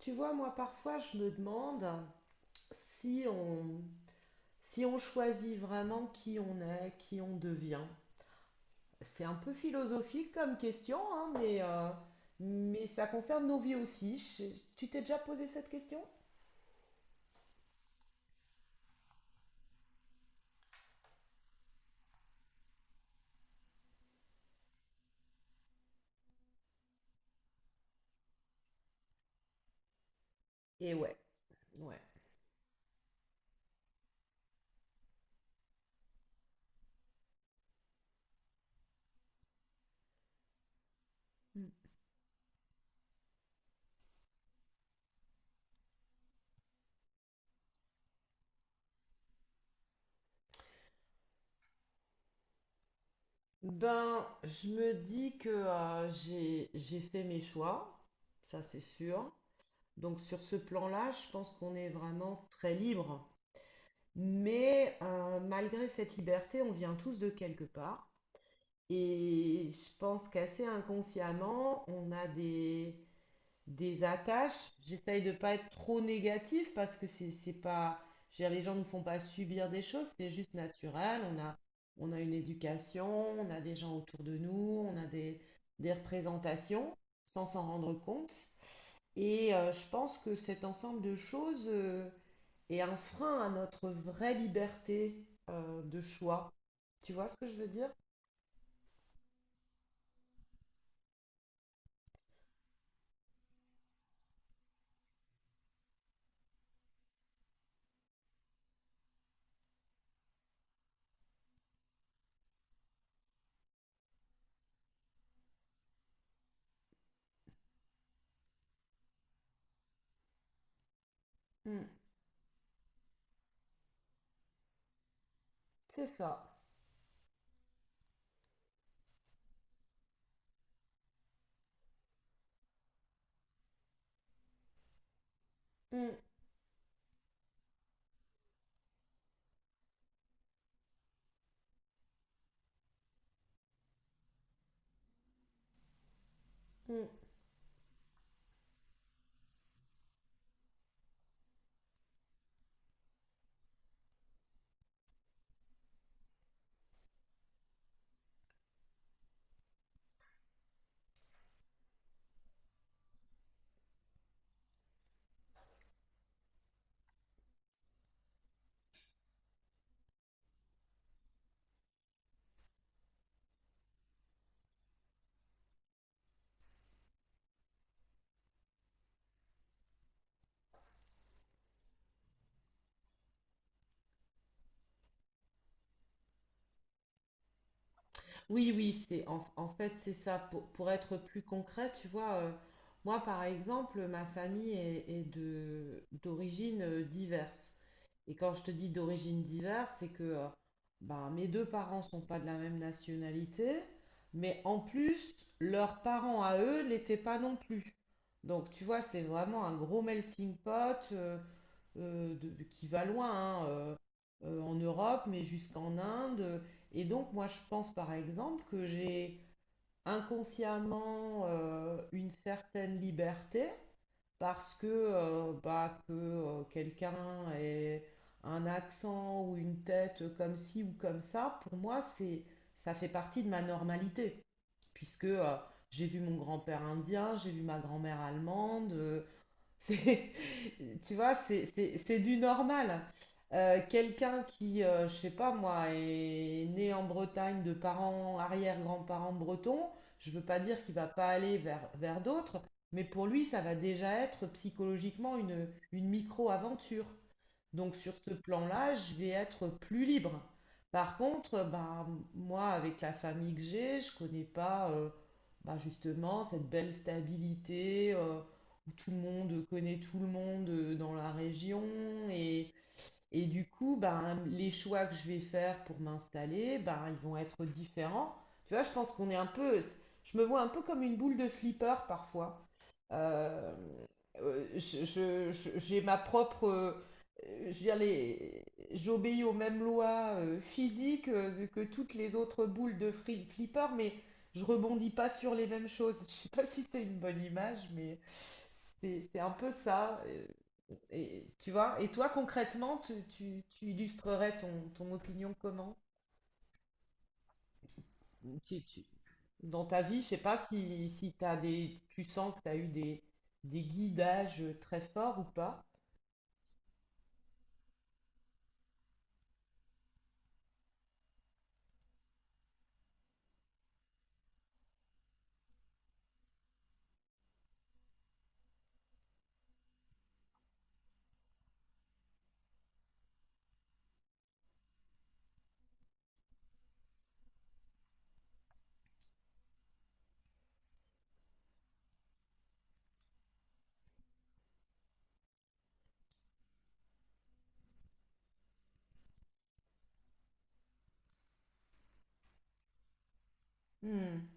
Tu vois, moi parfois je me demande si on, si on choisit vraiment qui on est, qui on devient. C'est un peu philosophique comme question, hein, mais ça concerne nos vies aussi. Tu t'es déjà posé cette question? Et ouais, ouais. Ben, je me dis que j'ai fait mes choix, ça c'est sûr. Donc sur ce plan-là, je pense qu'on est vraiment très libre. Mais malgré cette liberté, on vient tous de quelque part. Et je pense qu'assez inconsciemment, des attaches. J'essaye de ne pas être trop négatif parce que c'est pas, je veux dire, les gens ne font pas subir des choses, c'est juste naturel. On a une éducation, on a des gens autour de nous, on a des représentations sans s'en rendre compte. Et je pense que cet ensemble de choses est un frein à notre vraie liberté de choix. Tu vois ce que je veux dire? Hmm, c'est ça. Mm, mm. Oui, oui, en fait c'est ça. Pour être plus concret, tu vois, moi par exemple, est de d'origine diverse. Et quand je te dis d'origine diverse, c'est que ben, mes deux parents sont pas de la même nationalité, mais en plus leurs parents à eux l'étaient pas non plus. Donc tu vois, c'est vraiment un gros melting pot. Qui va loin hein, en Europe, mais jusqu'en Inde. Et donc, moi, je pense par exemple que j'ai inconsciemment une certaine liberté parce que, bah, que quelqu'un ait un accent ou une tête comme ci ou comme ça, pour moi, ça fait partie de ma normalité, puisque j'ai vu mon grand-père indien, j'ai vu ma grand-mère allemande. C'est, tu vois, c'est du normal. Quelqu'un qui, je sais pas moi, est né en Bretagne de parents, arrière-grands-parents bretons, je veux pas dire qu'il va pas aller vers d'autres, mais pour lui, ça va déjà être psychologiquement une micro-aventure. Donc sur ce plan-là, je vais être plus libre. Par contre, bah, moi, avec la famille que j'ai, je connais pas bah, justement cette belle stabilité où tout le monde connaît tout le monde dans la région. Et, et du coup, bah, les choix que je vais faire pour m'installer, bah, ils vont être différents. Tu vois, je me vois un peu comme une boule de flipper parfois. Euh, j'ai ma propre, je veux dire, j'obéis aux mêmes lois physiques que toutes les autres boules de flipper, mais je rebondis pas sur les mêmes choses. Je sais pas si c'est une bonne image, mais c'est un peu ça. Et, tu vois, et toi concrètement, tu illustrerais ton, ton opinion comment? Tu, tu- Dans ta vie, je sais pas si t'as des, tu sens que tu as eu des guidages très forts ou pas. Hmm,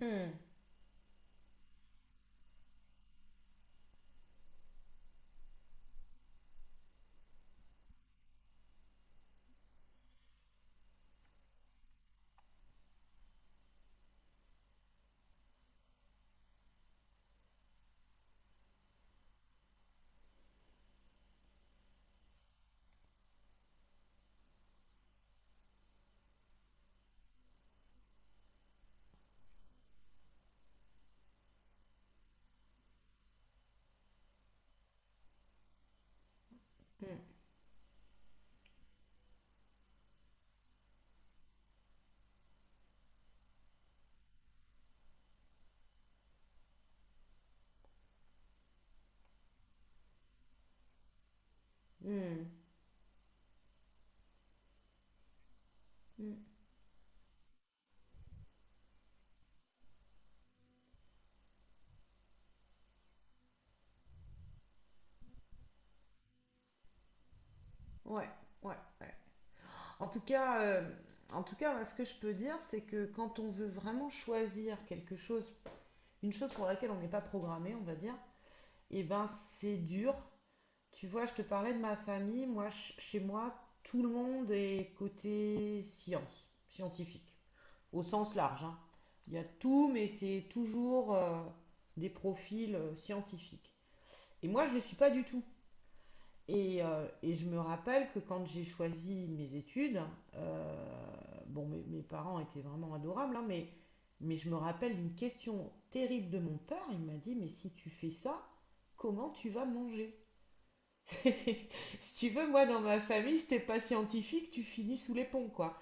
hmm, hmm, hmm, hmm. Ouais, ouais, ouais. En tout cas, euh, en tout cas, moi, ce que je peux dire, c'est que quand on veut vraiment choisir quelque chose, une chose pour laquelle on n'est pas programmé, on va dire, eh ben c'est dur. Tu vois, je te parlais de ma famille. Moi, chez moi, tout le monde est côté science, scientifique. Au sens large. Hein. Il y a tout, mais c'est toujours des profils scientifiques. Et moi, je ne le suis pas du tout. Et je me rappelle que quand j'ai choisi mes études, euh, bon, mes parents étaient vraiment adorables, hein, mais je me rappelle une question terrible de mon père. Il m'a dit, mais si tu fais ça, comment tu vas manger Si tu veux, moi, dans ma famille, si t'es pas scientifique, tu finis sous les ponts, quoi.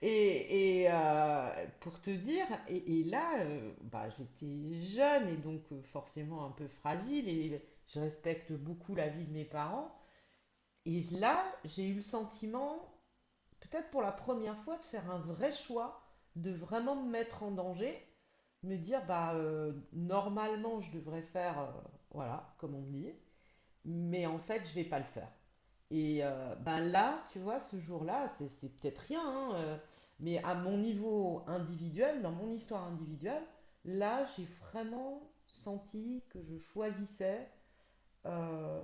Pour te dire, et là, bah, j'étais jeune et donc forcément un peu fragile et je respecte beaucoup la vie de mes parents. Et là, j'ai eu le sentiment, peut-être pour la première fois, de faire un vrai choix, de vraiment me mettre en danger, me dire, bah, normalement, je devrais faire, voilà, comme on me dit, mais en fait, je vais pas le faire. Et ben là, tu vois, ce jour-là, c'est peut-être rien, hein, mais à mon niveau individuel, dans mon histoire individuelle, là, j'ai vraiment senti que je choisissais euh,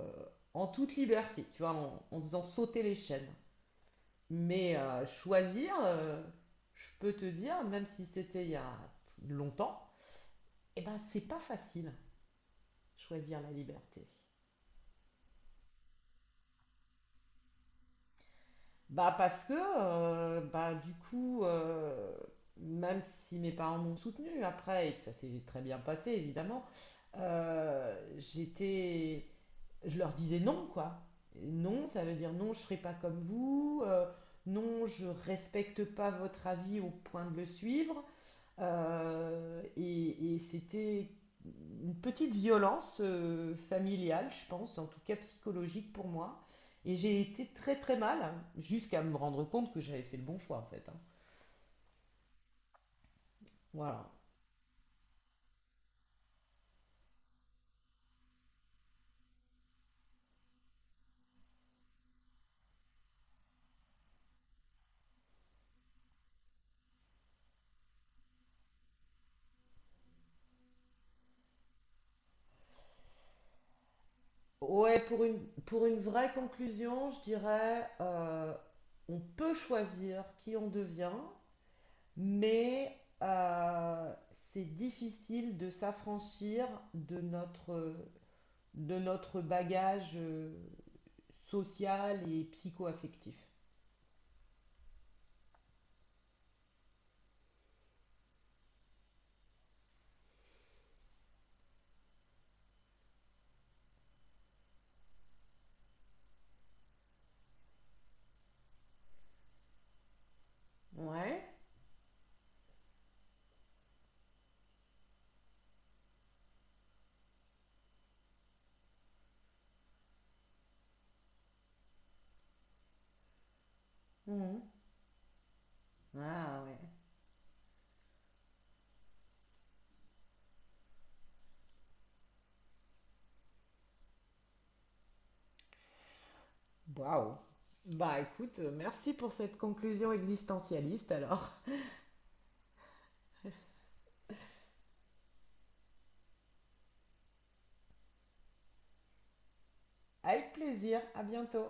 en toute liberté, tu vois, en faisant sauter les chaînes. Mais choisir, je peux te dire, même si c'était il y a longtemps, eh ben c'est pas facile, choisir la liberté. Bah parce que bah du coup même si mes parents m'ont soutenue après et que ça s'est très bien passé évidemment j'étais je leur disais non quoi, non ça veut dire non, je serai pas comme vous non je respecte pas votre avis au point de le suivre et c'était une petite violence familiale, je pense, en tout cas psychologique pour moi. Et j'ai été très très mal, hein, jusqu'à me rendre compte que j'avais fait le bon choix en fait. Hein. Voilà. Ouais, pour une vraie conclusion, je dirais, on peut choisir qui on devient, mais c'est difficile de s'affranchir de notre, de notre bagage. Social et psycho-affectif. Ouais. Mhm. Ah ouais. Waouh. Bah écoute, merci pour cette conclusion existentialiste alors. Avec plaisir, à bientôt.